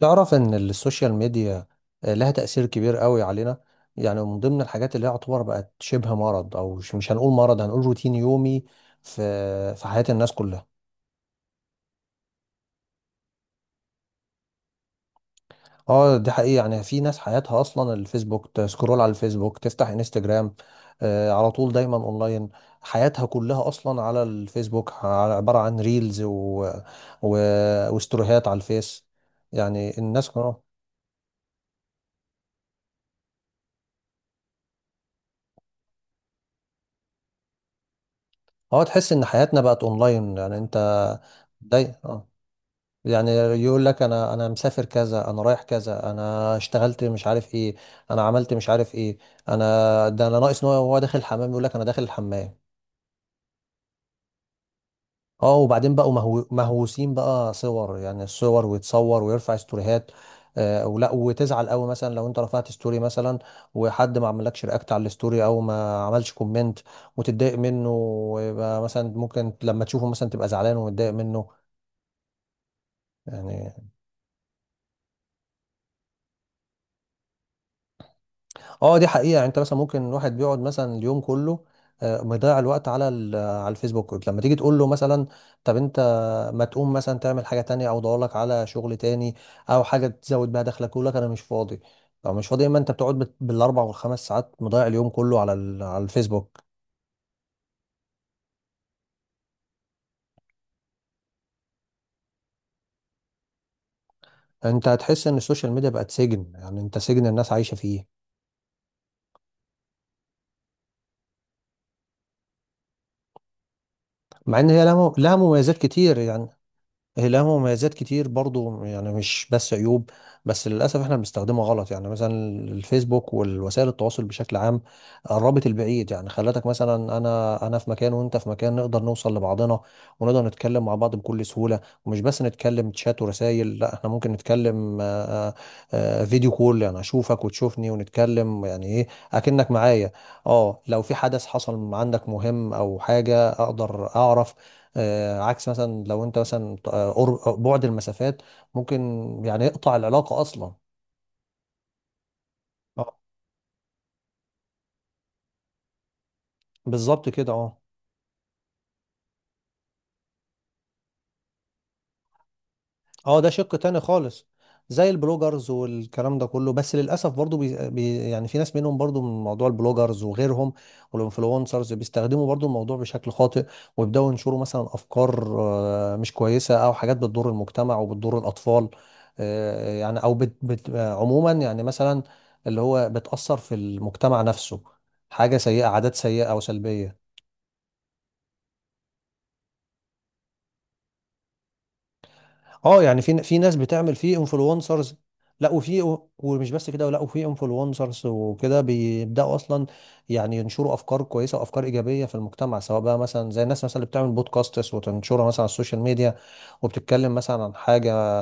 تعرف ان السوشيال ميديا لها تأثير كبير قوي علينا. يعني من ضمن الحاجات اللي هي يعتبر بقت شبه مرض، او مش هنقول مرض، هنقول روتين يومي في في حياة الناس كلها. اه دي حقيقة، يعني في ناس حياتها اصلا الفيسبوك، تسكرول على الفيسبوك، تفتح انستجرام على طول دايما اونلاين. حياتها كلها اصلا على الفيسبوك، عبارة عن ريلز و... وستوريهات على الفيس. يعني الناس اه تحس ان حياتنا بقت اونلاين، يعني انت داي... آه. يعني يقول لك انا مسافر كذا، انا رايح كذا، انا اشتغلت مش عارف ايه، انا عملت مش عارف ايه. انا ده انا ناقص ان هو داخل الحمام يقول لك انا داخل الحمام. اه وبعدين بقوا مهووسين بقى صور، يعني الصور، ويتصور ويرفع ستوريهات. آه ولا وتزعل قوي مثلا لو انت رفعت ستوري مثلا، وحد ما عملكش رياكت على الستوري او ما عملش كومنت، وتتضايق منه، ويبقى مثلا ممكن لما تشوفه مثلا تبقى زعلان ومتضايق منه، يعني. اه دي حقيقة، يعني انت مثلا ممكن واحد بيقعد مثلا اليوم كله، مضيع الوقت على على الفيسبوك. لما تيجي تقول له مثلا طب انت ما تقوم مثلا تعمل حاجة تانية او دور لك على شغل تاني، او حاجة تزود بيها دخلك، يقول لك انا مش فاضي. لو مش فاضي اما انت بتقعد بالاربع والخمس ساعات، مضيع اليوم كله على على الفيسبوك. انت هتحس ان السوشيال ميديا بقت سجن، يعني انت سجن الناس عايشة فيه. مع ان هي لها لها مميزات كتير يعني. هي لها مميزات كتير برضو، يعني مش بس عيوب. بس للأسف احنا بنستخدمها غلط، يعني مثلا الفيسبوك والوسائل التواصل بشكل عام قربت البعيد، يعني خلتك مثلا انا في مكان وانت في مكان، نقدر نوصل لبعضنا ونقدر نتكلم مع بعض بكل سهولة. ومش بس نتكلم تشات ورسائل، لا احنا ممكن نتكلم فيديو كول، يعني اشوفك وتشوفني ونتكلم، يعني ايه اكنك معايا. اه لو في حدث حصل عندك مهم او حاجة اقدر اعرف، عكس مثلا لو انت مثلا بعد المسافات ممكن يعني يقطع العلاقة اصلا. اه بالظبط كده اه. اه ده شق تاني خالص. زي البلوجرز والكلام ده كله، بس للاسف برضو بي بي يعني في ناس منهم برضو من موضوع البلوجرز وغيرهم والانفلونسرز بيستخدموا برضو الموضوع بشكل خاطئ، ويبداوا ينشروا مثلا افكار مش كويسه، او حاجات بتضر المجتمع وبتضر الاطفال، يعني، او بت بت عموما يعني مثلا اللي هو بتاثر في المجتمع نفسه، حاجه سيئه، عادات سيئه او سلبيه. اه يعني في ناس بتعمل فيه انفلونسرز، لا وفي، ومش بس كده، لا وفي انفلونسرز وكده بيبداوا اصلا يعني ينشروا افكار كويسه وافكار ايجابيه في المجتمع، سواء بقى مثلا زي الناس مثلا اللي بتعمل بودكاستس وتنشرها مثلا على السوشيال ميديا، وبتتكلم مثلا عن حاجه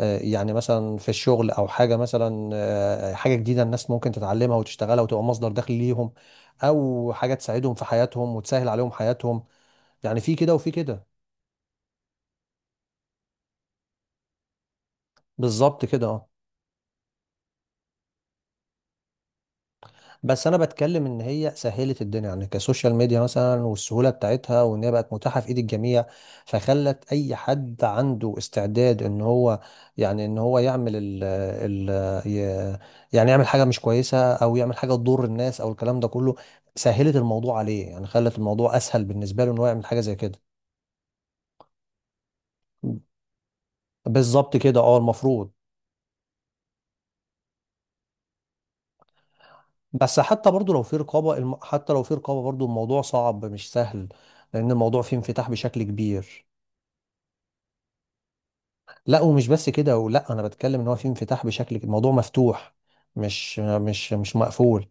يعني مثلا في الشغل، او حاجه مثلا حاجه جديده الناس ممكن تتعلمها وتشتغلها وتبقى مصدر دخل ليهم، او حاجه تساعدهم في حياتهم وتسهل عليهم حياتهم. يعني في كده وفي كده. بالظبط كده اه. بس انا بتكلم ان هي سهلت الدنيا، يعني كسوشيال ميديا مثلا، والسهوله بتاعتها، وان هي بقت متاحه في ايد الجميع. فخلت اي حد عنده استعداد ان هو يعني ان هو يعمل ال ي- يعني يعمل حاجه مش كويسه، او يعمل حاجه تضر الناس او الكلام ده كله، سهلت الموضوع عليه، يعني خلت الموضوع اسهل بالنسبه له ان هو يعمل حاجه زي كده. بالظبط كده اه، المفروض. بس حتى برضو لو في رقابه، حتى لو في رقابه برضو الموضوع صعب مش سهل، لان الموضوع فيه انفتاح بشكل كبير. لا ومش بس كده ولا، انا بتكلم ان هو في انفتاح بشكل، الموضوع مفتوح، مش مقفول.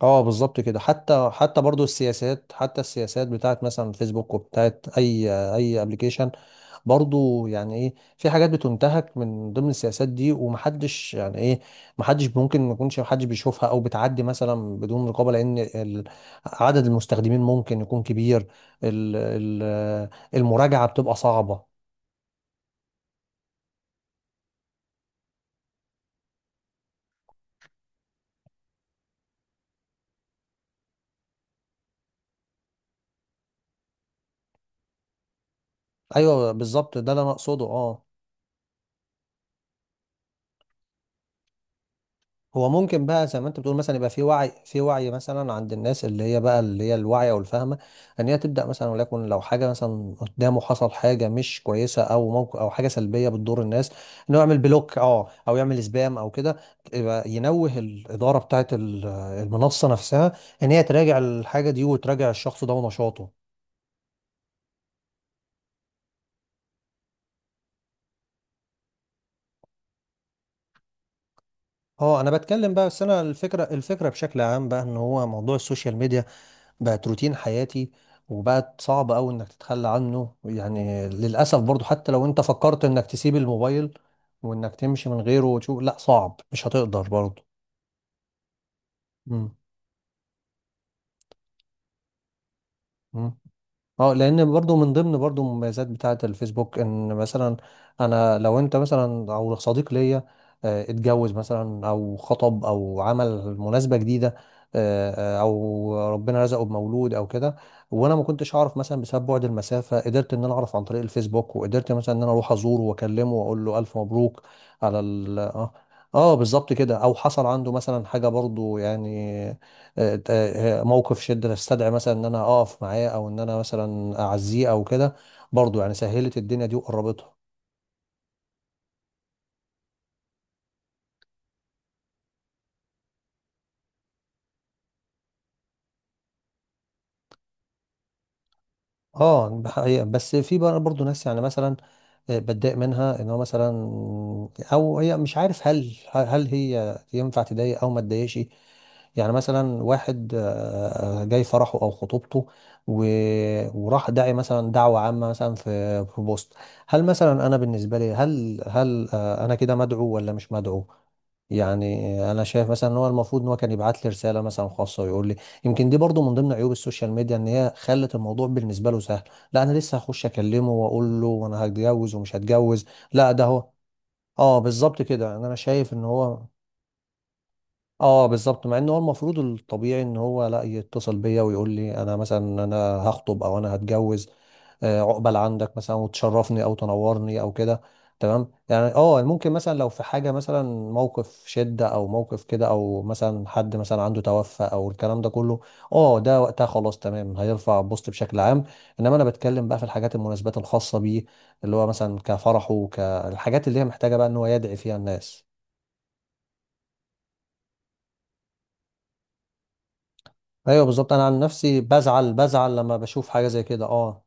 اه بالظبط كده. حتى حتى برضو السياسات، حتى السياسات بتاعت مثلا فيسبوك وبتاعت اي ابلكيشن برضو، يعني ايه، في حاجات بتنتهك من ضمن السياسات دي، ومحدش يعني ايه، محدش ممكن ما يكونش محدش بيشوفها، او بتعدي مثلا بدون رقابة، لان عدد المستخدمين ممكن يكون كبير، ال- ال- المراجعة بتبقى صعبة. ايوه بالظبط ده اللي انا اقصده اه. هو ممكن بقى زي ما انت بتقول مثلا، يبقى في وعي، في وعي مثلا عند الناس اللي هي بقى اللي هي الواعيه والفاهمه، ان هي تبدا مثلا، وليكن لو حاجه مثلا قدامه، حصل حاجه مش كويسه او موقف او حاجه سلبيه بتضر الناس، انه يعمل بلوك اه، او يعمل سبام او كده، يبقى ينوه الاداره بتاعت المنصه نفسها ان هي تراجع الحاجه دي وتراجع الشخص ده ونشاطه. اه انا بتكلم بقى، بس انا الفكره، الفكره بشكل عام بقى، ان هو موضوع السوشيال ميديا بقت روتين حياتي، وبقت صعب قوي انك تتخلى عنه، يعني للاسف برضو حتى لو انت فكرت انك تسيب الموبايل وانك تمشي من غيره وتشوف، لا صعب مش هتقدر برضو. مم. مم. اه لان برضو من ضمن برضو المميزات بتاعه الفيسبوك ان مثلا انا لو انت مثلا او صديق ليا اتجوز مثلا او خطب او عمل مناسبة جديدة، او ربنا رزقه بمولود او كده، وانا ما كنتش اعرف مثلا بسبب بعد المسافة، قدرت ان انا اعرف عن طريق الفيسبوك، وقدرت مثلا ان انا اروح ازوره واكلمه واقول له الف مبروك على ال اه. اه بالظبط كده. او حصل عنده مثلا حاجة برضو يعني موقف شدة تستدعي مثلا ان انا اقف معاه، او ان انا مثلا اعزيه او كده، برضو يعني سهلت الدنيا دي وقربتها. اه ده حقيقة، بس في بقى برضه ناس يعني مثلا بتضايق منها ان هو مثلا، او هي مش عارف هل هي ينفع تضايق او ما تضايقش، يعني مثلا واحد جاي فرحه او خطوبته، و- وراح داعي مثلا دعوة عامة مثلا في بوست، هل مثلا انا بالنسبة لي هل انا كده مدعو ولا مش مدعو؟ يعني انا شايف مثلا ان هو المفروض ان هو كان يبعت لي رساله مثلا خاصه ويقول لي. يمكن دي برضو من ضمن عيوب السوشيال ميديا ان هي خلت الموضوع بالنسبه له سهل، لا انا لسه هخش اكلمه واقول له وانا هتجوز ومش هتجوز. لا ده هو، اه بالظبط كده، يعني انا شايف ان هو اه بالظبط، مع ان هو المفروض الطبيعي ان هو لا يتصل بيا ويقول لي انا مثلا، هخطب او انا هتجوز، عقبال عندك مثلا، وتشرفني او تنورني او كده، تمام يعني. اه ممكن مثلا لو في حاجه مثلا، موقف شده او موقف كده، او مثلا حد مثلا عنده توفى او الكلام ده كله، اه ده وقتها خلاص تمام، هيرفع بوست بشكل عام. انما انا بتكلم بقى في الحاجات المناسبات الخاصه بيه، اللي هو مثلا كفرحه، كالحاجات اللي هي محتاجه بقى ان هو يدعي فيها الناس. ايوه بالظبط، انا عن نفسي بزعل، بزعل لما بشوف حاجه زي كده اه.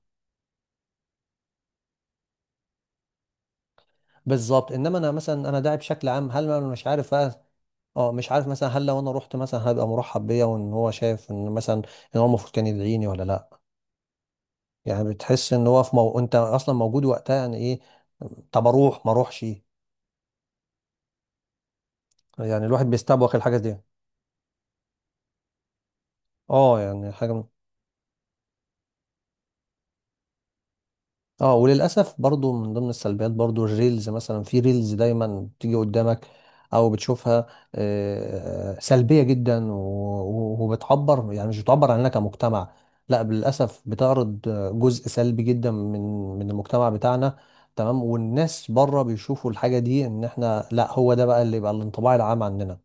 بالظبط، انما انا مثلا انا داعي بشكل عام، هل انا مش عارف بقى، اه مش عارف مثلا هل لو انا رحت مثلا هبقى مرحب بيا، وان هو شايف ان مثلا ان هو المفروض كان يدعيني ولا لا. يعني بتحس ان هو في انت اصلا موجود وقتها يعني ايه، طب اروح ما اروحش؟ يعني الواحد بيستبوخ الحاجه دي. اه يعني حاجه. اه وللاسف برضو من ضمن السلبيات برضو الريلز، مثلا في ريلز دايما بتيجي قدامك او بتشوفها سلبيه جدا، وبتعبر، يعني مش بتعبر عننا كمجتمع، لا للاسف بتعرض جزء سلبي جدا من من المجتمع بتاعنا، تمام. والناس بره بيشوفوا الحاجه دي ان احنا، لا هو ده بقى اللي يبقى الانطباع العام عننا.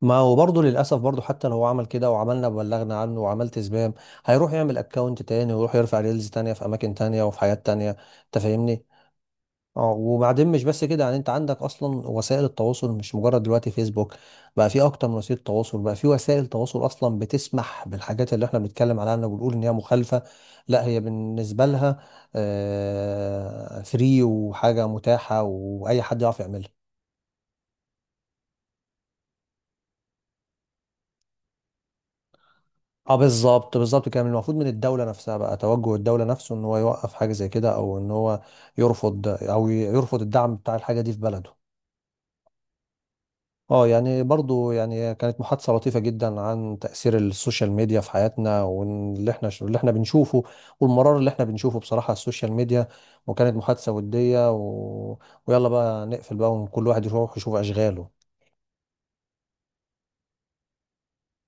ما هو برضه للأسف برضه، حتى لو هو عمل كده وعملنا بلغنا عنه وعملت سبام، هيروح يعمل اكونت تاني، ويروح يرفع ريلز تانية في أماكن تانية وفي حاجات تانية. أنت فاهمني؟ اه وبعدين مش بس كده، يعني أنت عندك أصلا وسائل التواصل مش مجرد دلوقتي فيسبوك، بقى في أكتر من وسيلة تواصل، بقى في وسائل تواصل أصلا بتسمح بالحاجات اللي إحنا بنتكلم عنها وبنقول إن هي مخالفة، لا هي بالنسبة لها فري وحاجة متاحة وأي حد يعرف يعملها. اه بالظبط، بالظبط، كان المفروض من الدولة نفسها بقى توجه الدولة نفسه ان هو يوقف حاجة زي كده، او ان هو يرفض، او يرفض الدعم بتاع الحاجة دي في بلده. اه يعني برضو يعني كانت محادثة لطيفة جدا عن تأثير السوشيال ميديا في حياتنا، واللي احنا اللي احنا بنشوفه والمرار اللي احنا بنشوفه بصراحة على السوشيال ميديا. وكانت محادثة ودية ويلا بقى نقفل بقى، وكل واحد يروح يشوف أشغاله.